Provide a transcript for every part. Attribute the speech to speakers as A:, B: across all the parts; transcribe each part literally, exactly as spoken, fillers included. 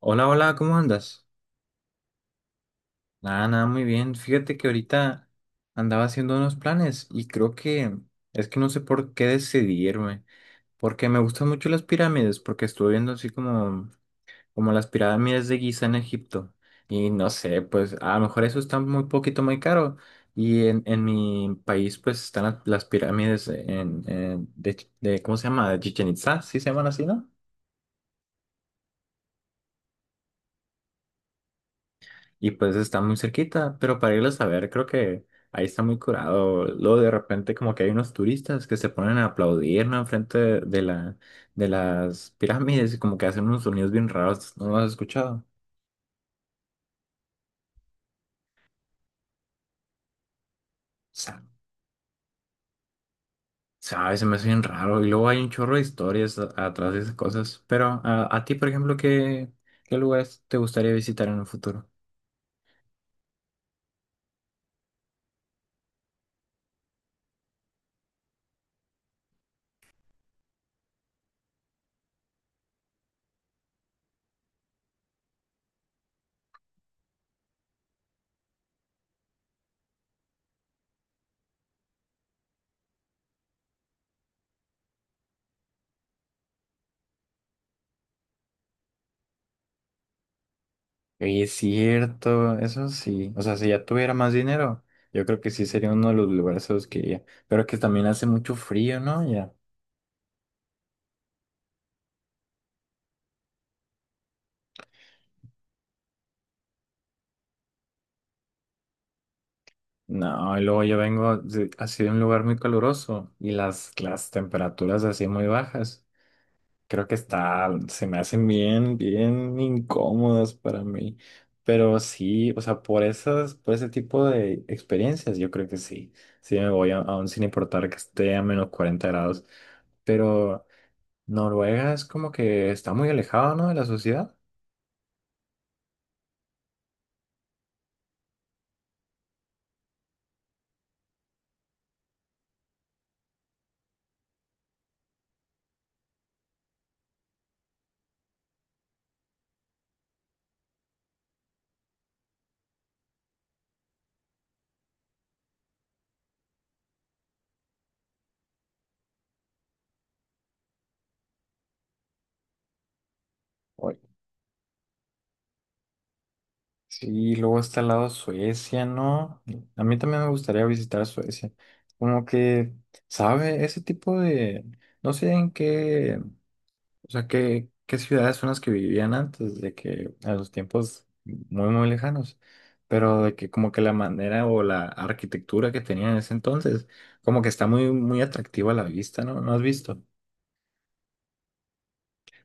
A: Hola, hola, ¿cómo andas? Nada, nada, muy bien. Fíjate que ahorita andaba haciendo unos planes y creo que es que no sé por qué decidirme, porque me gustan mucho las pirámides, porque estuve viendo así como, como las pirámides de Giza en Egipto y no sé, pues a lo mejor eso está muy poquito, muy caro y en, en mi país pues están las, las pirámides en, en- de, Ch- de, ¿cómo se llama? De Chichen Itzá, sí se llaman así, ¿no? Y pues está muy cerquita, pero para irlos a ver, creo que ahí está muy curado. Luego de repente como que hay unos turistas que se ponen a aplaudir, ¿no? Enfrente de de la, de las pirámides y como que hacen unos sonidos bien raros. ¿No lo has escuchado? Sa- ¿Sabes? Se me hace bien raro. Y luego hay un chorro de historias a- atrás de esas cosas. Pero a, a ti, por ejemplo, ¿qué, qué lugares te gustaría visitar en un futuro? Oye, es cierto, eso sí. O sea, si ya tuviera más dinero, yo creo que sí sería uno de los lugares a los que iría. Pero que también hace mucho frío, ¿no? Ya. No, y luego yo vengo de- así de un lugar muy caluroso y las, las temperaturas así muy bajas. Creo que está, se me hacen bien, bien incómodas para mí. Pero sí, o sea, por esas, por ese tipo de experiencias, yo creo que sí. Sí me voy a, aún sin importar que esté a menos cuarenta grados. Pero. Noruega es como que está muy alejado, ¿no? De la sociedad. Uy. Sí, luego está al lado Suecia, ¿no? A mí también me gustaría visitar Suecia. Como que, ¿sabe? Ese tipo de... No sé en qué... O sea, qué, qué ciudades son las que vivían antes de que... A los tiempos muy, muy lejanos. Pero de que como que la manera o la arquitectura que tenían en ese entonces, como que está muy, muy atractiva a la vista, ¿no? ¿No has visto?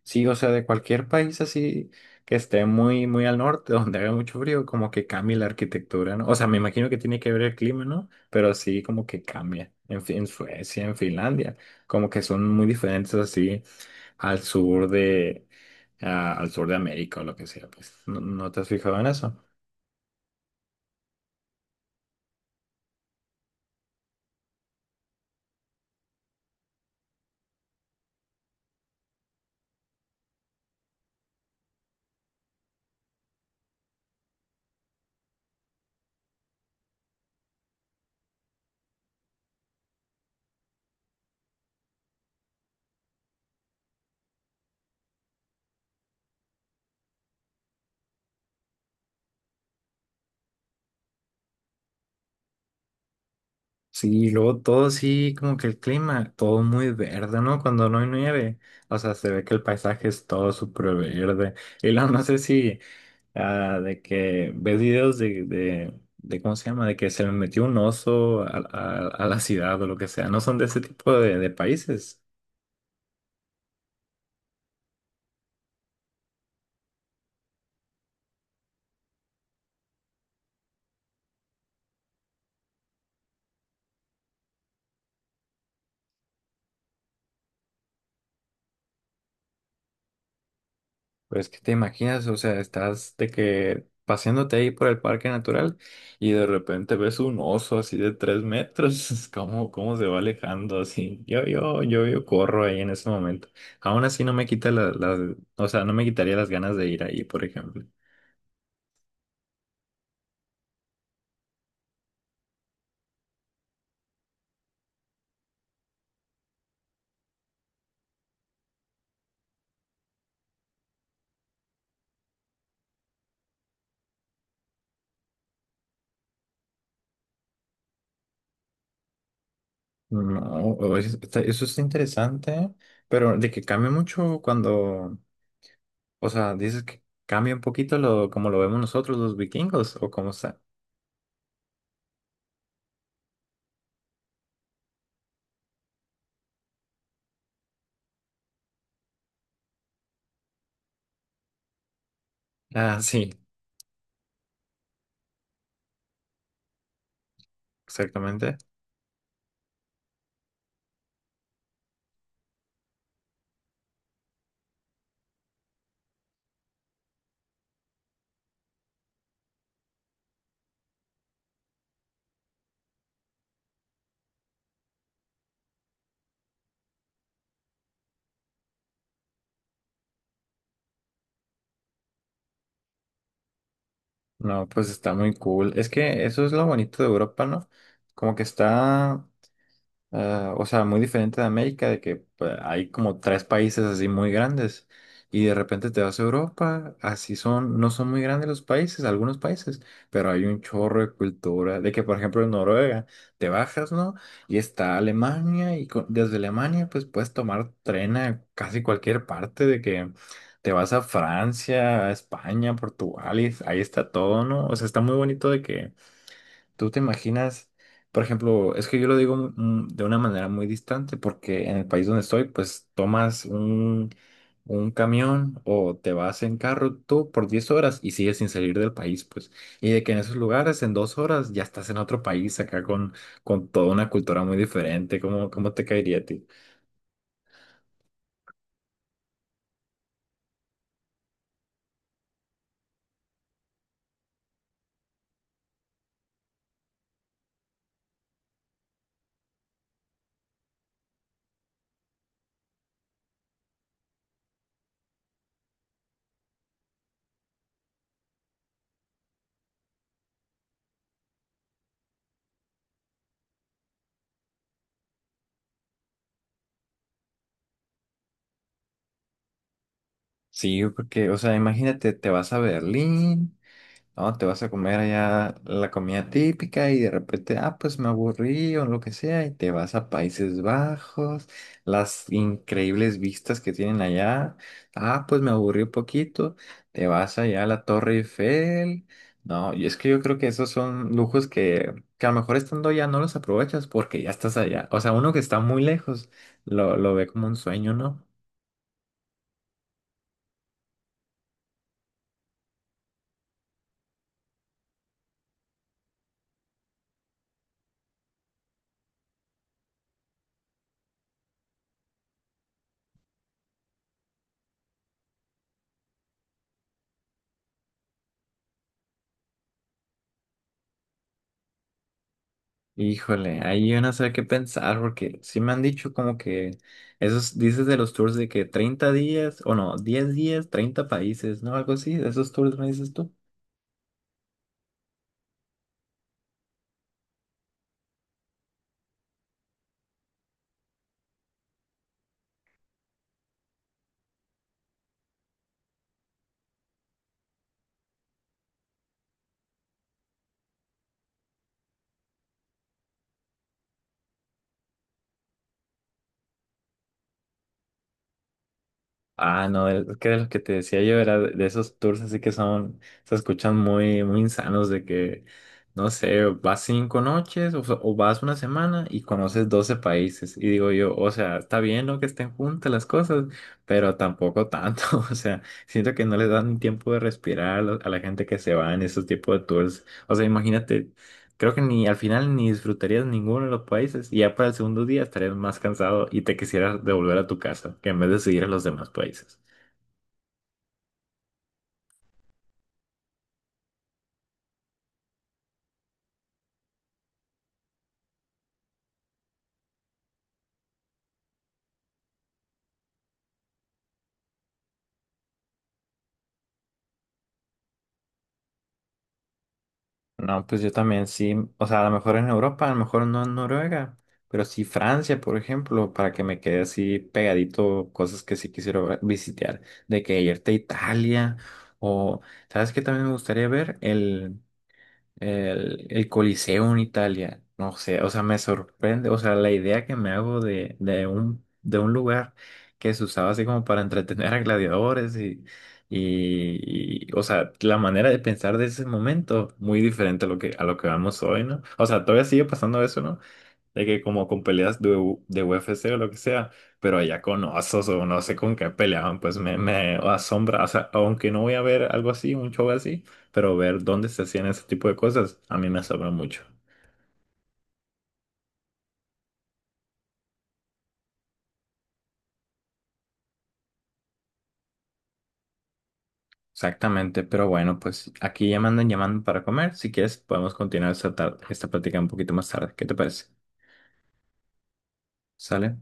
A: Sí, o sea, de cualquier país así que esté muy, muy al norte, donde haga mucho frío, como que cambia la arquitectura, ¿no? O sea, me imagino que tiene que ver el clima, ¿no? Pero sí, como que cambia. En, Fi- en Suecia, en Finlandia, como que son muy diferentes así al sur de, a- al sur de América o lo que sea, pues. ¿No, no te has fijado en eso? Sí, y luego todo sí, como que el clima, todo muy verde, ¿no? Cuando no hay nieve, o sea, se ve que el paisaje es todo súper verde. Y luego no sé si... Ah, de que ves videos de, de, de, ¿cómo se llama? De que se le metió un oso a, a- a la ciudad o lo que sea. No son de ese tipo de, de países. Pero es que te imaginas, o sea, estás de que paseándote ahí por el parque natural y de repente ves un oso así de tres metros. ¿Cómo, cómo se va alejando así? Yo, yo, yo, yo corro ahí en ese momento. Aún así no me quita la- las, o sea, no me quitaría las ganas de ir ahí, por ejemplo. No, o- es- está- eso está interesante, pero de que cambia mucho cuando, o sea, dices que cambia un poquito lo como lo vemos nosotros los vikingos o cómo está. Ah, sí, exactamente. No, pues está muy cool. Es que eso es lo bonito de Europa, ¿no? Como que está. Ah, o sea, muy diferente de América, de que pues, hay como tres países así muy grandes y de repente te vas a Europa, así son, no son muy grandes los países, algunos países, pero hay un chorro de cultura, de que por ejemplo en Noruega te bajas, ¿no? Y está Alemania y co- desde Alemania pues puedes tomar tren a casi cualquier parte, de que te vas a Francia, a España, Portugal y ahí está todo, ¿no? O sea, está muy bonito de que ¿tú te imaginas, por ejemplo, es que yo lo digo mm, de una manera muy distante, porque en el país donde estoy, pues tomas un, un camión o te vas en carro tú por diez horas y sigues sin salir del país, pues. Y de que en esos lugares, en dos horas, ya estás en otro país acá con, con toda una cultura muy diferente. ¿Cómo, cómo te caería a ti? Sí, porque, o sea, imagínate, te vas a Berlín. No, te vas a comer allá la comida típica y de repente, ah, pues me aburrí o lo que sea, y te vas a Países Bajos, las increíbles vistas que tienen allá, ah, pues me aburrí un poquito, te vas allá a la Torre Eiffel. No, y es que yo creo que esos son lujos que, que a lo mejor estando allá no los aprovechas porque ya estás allá. O sea, uno que está muy lejos lo, lo ve como un sueño, ¿no? Híjole, ahí yo no sé qué pensar, porque sí me han dicho como que esos, dices de los tours de que treinta días, o no, diez días, treinta países, ¿no? Algo así, de esos tours me dices tú. Ah, no, el- es que de los que te decía yo era de de esos tours así que son, se escuchan muy, muy insanos de que, no sé, vas cinco noches o, o vas una semana y conoces doce países. Y digo yo, o sea, está bien, ¿no? Que estén juntas las cosas, pero tampoco tanto. O sea, siento que no les dan tiempo de respirar a, la a la gente que se va en esos tipos de tours. O sea, imagínate. Creo que ni al final ni disfrutarías ninguno de los países y ya para el segundo día estarías más cansado y te quisieras devolver a tu casa que en vez de seguir a los demás países. No, pues yo también sí, o sea, a lo mejor en Europa, a lo mejor no en Noruega, pero sí Francia, por ejemplo, para que me quede así pegadito cosas que sí quisiera ver- visitar, de que irte a Italia o, ¿sabes qué también me gustaría ver? el, el Coliseo en Italia, no sé, o sea, me sorprende, o sea, la idea que me hago de, de un, de un lugar que se usaba así como para entretener a gladiadores y, y, y, o sea, la manera de pensar de ese momento, muy diferente a lo que, a lo que vamos hoy, ¿no? O sea, todavía sigue pasando eso, ¿no? De que como con peleas de, U- de U F C o lo que sea, pero allá con osos o no sé con qué peleaban, pues me, me asombra, o sea, aunque no voy a ver algo así, un show así, pero ver dónde se hacían ese tipo de cosas, a mí me asombra mucho. Exactamente, pero bueno, pues aquí ya me andan llamando para comer, si quieres podemos continuar esta, tar- esta plática un poquito más tarde, ¿qué te parece? ¿Sale?